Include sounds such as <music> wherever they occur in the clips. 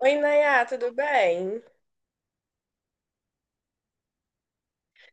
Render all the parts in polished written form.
Oi, Nayá, tudo bem?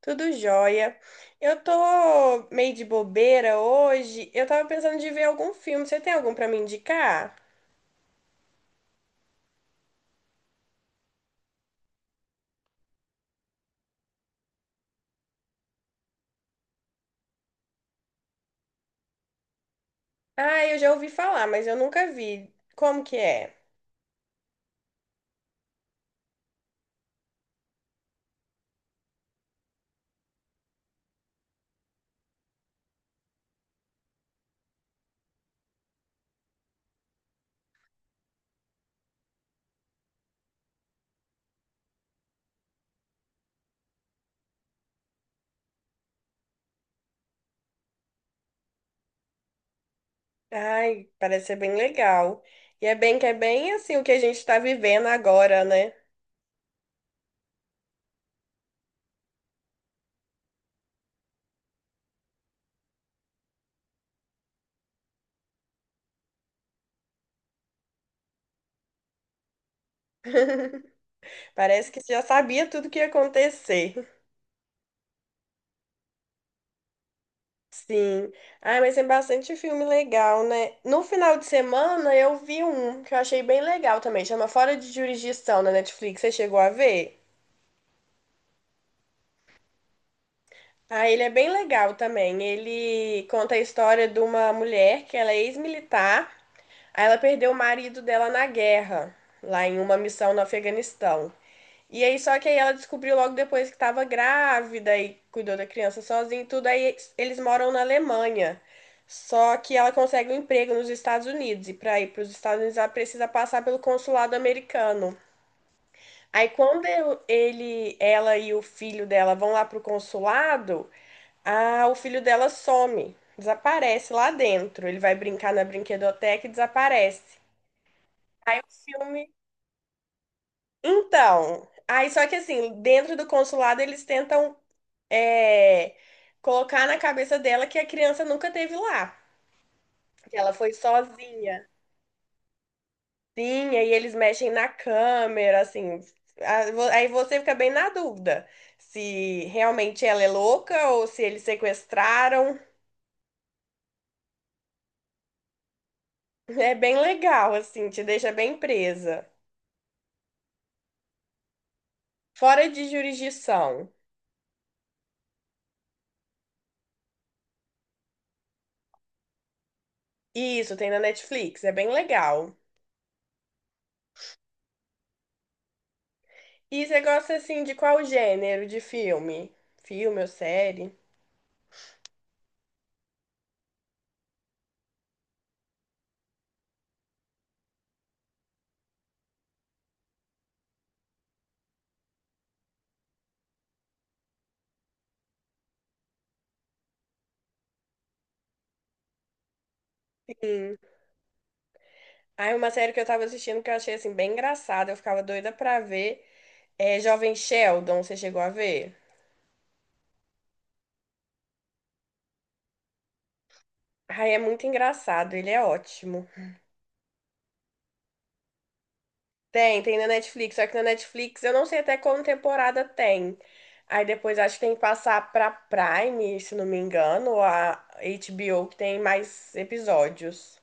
Tudo jóia. Eu tô meio de bobeira hoje. Eu tava pensando de ver algum filme. Você tem algum pra me indicar? Ah, eu já ouvi falar, mas eu nunca vi. Como que é? Ai, parece ser bem legal. E é bem que é bem assim o que a gente tá vivendo agora, né? <laughs> Parece que já sabia tudo que ia acontecer. Sim. Ah, mas tem bastante filme legal, né? No final de semana eu vi um que eu achei bem legal também, chama Fora de Jurisdição na Netflix. Você chegou a ver? Ah, ele é bem legal também. Ele conta a história de uma mulher que ela é ex-militar, aí ela perdeu o marido dela na guerra, lá em uma missão no Afeganistão. E aí, só que aí ela descobriu logo depois que estava grávida e cuidou da criança sozinha e tudo. Aí eles moram na Alemanha. Só que ela consegue um emprego nos Estados Unidos. E para ir para os Estados Unidos, ela precisa passar pelo consulado americano. Aí, quando ele, ela e o filho dela vão lá pro consulado, ah, o filho dela some, desaparece lá dentro. Ele vai brincar na brinquedoteca e desaparece. Aí o filme. Então, aí só que assim, dentro do consulado eles tentam é, colocar na cabeça dela que a criança nunca teve lá, que ela foi sozinha. Sim, aí eles mexem na câmera, assim. Aí você fica bem na dúvida se realmente ela é louca ou se eles sequestraram. <laughs> É bem legal, assim, te deixa bem presa. Fora de jurisdição. Isso, tem na Netflix, é bem legal. E você gosta, assim, de qual gênero de filme? Filme ou série? Aí uma série que eu tava assistindo que eu achei assim bem engraçada, eu ficava doida pra ver, é Jovem Sheldon, você chegou a ver? Ai, é muito engraçado, ele é ótimo. Tem, tem na Netflix, só que na Netflix eu não sei até qual temporada tem. Aí depois acho que tem que passar pra Prime, se não me engano, ou a HBO que tem mais episódios.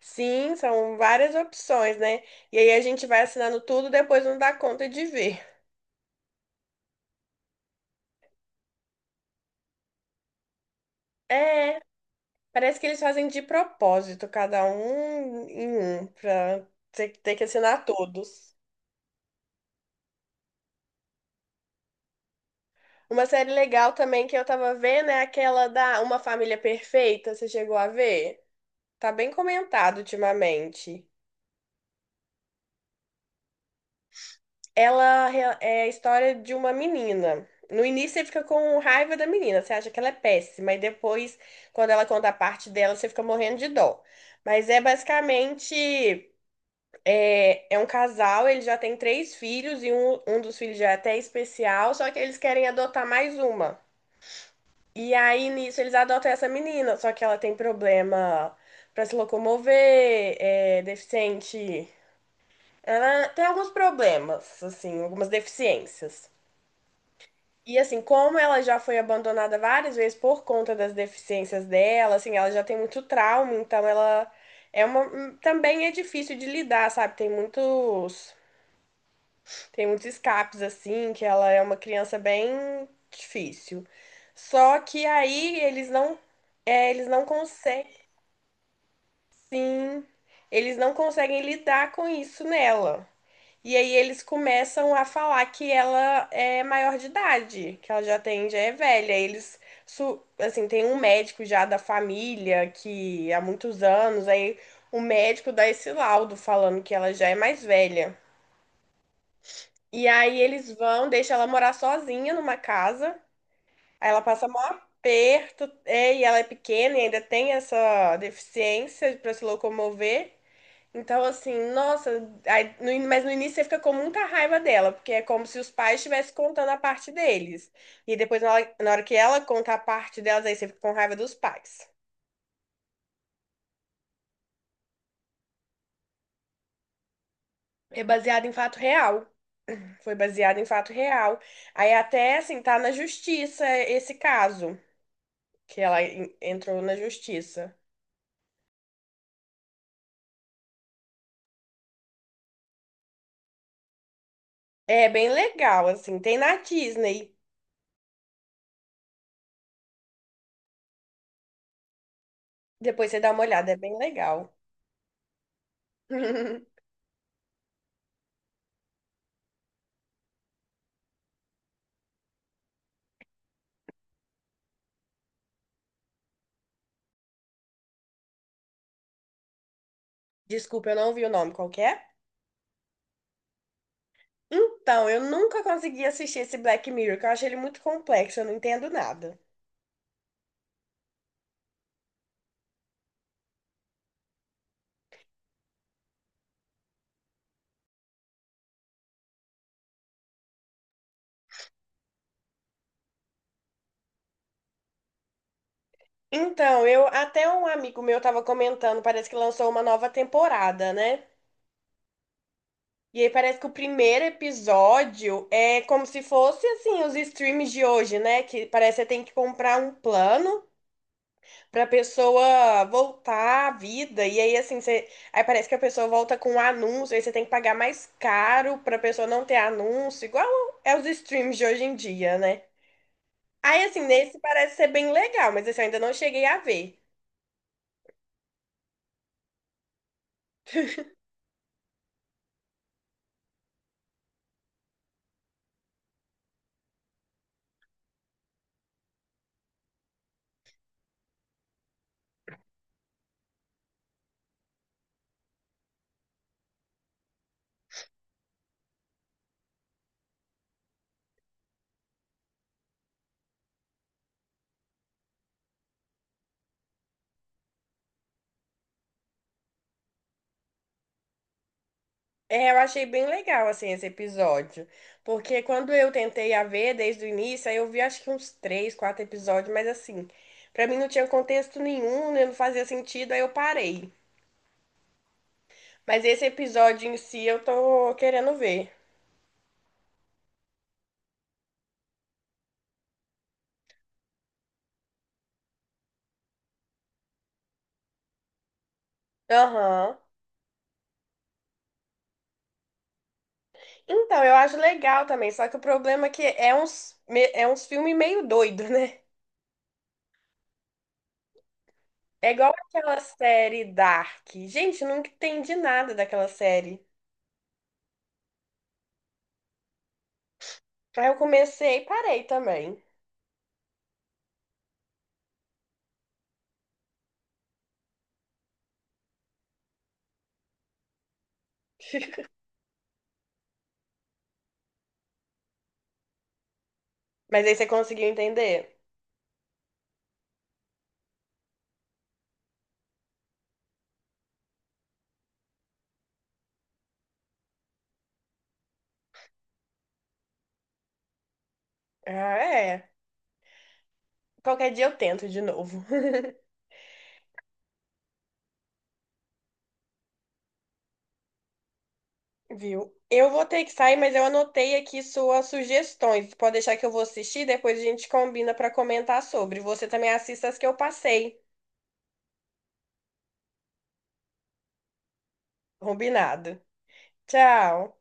Sim, são várias opções, né? E aí a gente vai assinando tudo, depois não dá conta de ver. É, parece que eles fazem de propósito, cada um em um, pra ter, ter que assinar todos. Uma série legal também que eu tava vendo é aquela da Uma Família Perfeita, você chegou a ver? Tá bem comentado ultimamente. É a história de uma menina. No início você fica com raiva da menina, você acha que ela é péssima, e depois, quando ela conta a parte dela, você fica morrendo de dó. Mas é basicamente. É, é um casal, eles já têm três filhos e um dos filhos já é até especial, só que eles querem adotar mais uma. E aí nisso eles adotam essa menina, só que ela tem problema para se locomover, é deficiente. Ela tem alguns problemas, assim, algumas deficiências. E assim, como ela já foi abandonada várias vezes por conta das deficiências dela, assim, ela já tem muito trauma, então ela é uma também é difícil de lidar, sabe? Tem muitos tem muitos escapes assim, que ela é uma criança bem difícil. Só que aí eles não, é, eles não conseguem, sim, eles não conseguem lidar com isso nela. E aí eles começam a falar que ela é maior de idade, que ela já tem, já é velha. Eles, assim, tem um médico já da família que há muitos anos, aí o médico dá esse laudo falando que ela já é mais velha. E aí eles vão, deixam ela morar sozinha numa casa. Aí ela passa maior aperto, é, e ela é pequena e ainda tem essa deficiência para se locomover. Então, assim, nossa, aí no in- mas no início você fica com muita raiva dela, porque é como se os pais estivessem contando a parte deles. E depois, na hora que ela conta a parte delas, aí você fica com raiva dos pais. É baseado em fato real. Foi baseado em fato real. Aí até, assim, tá na justiça esse caso. Que entrou na justiça. É bem legal, assim. Tem na Disney. Depois você dá uma olhada, é bem legal. <laughs> Desculpa, eu não vi o nome qual que é. Então, eu nunca consegui assistir esse Black Mirror, que eu acho ele muito complexo, eu não entendo nada. Então, eu até um amigo meu tava comentando, parece que lançou uma nova temporada, né? E aí parece que o primeiro episódio é como se fosse assim os streams de hoje, né? Que parece que você tem que comprar um plano pra pessoa voltar à vida. E aí, assim, você... aí parece que a pessoa volta com um anúncio, aí você tem que pagar mais caro pra pessoa não ter anúncio, igual é os streams de hoje em dia, né? Aí, assim, nesse parece ser bem legal, mas esse eu ainda não cheguei a ver. É, eu achei bem legal, assim, esse episódio. Porque quando eu tentei a ver desde o início, aí eu vi acho que uns três, quatro episódios, mas assim, pra mim não tinha contexto nenhum, né, não fazia sentido, aí eu parei. Mas esse episódio em si eu tô querendo ver. Aham. Então, eu acho legal também, só que o problema é que é uns, é uns filmes meio doido, né? É igual aquela série Dark. Gente, eu nunca entendi nada daquela série. Aí eu comecei e parei também. <laughs> Mas aí você conseguiu entender? Ah, é. Qualquer dia eu tento de novo. <laughs> Viu? Eu vou ter que sair, mas eu anotei aqui suas sugestões. Pode deixar que eu vou assistir, depois a gente combina pra comentar sobre. Você também assista as que eu passei. Combinado. Tchau.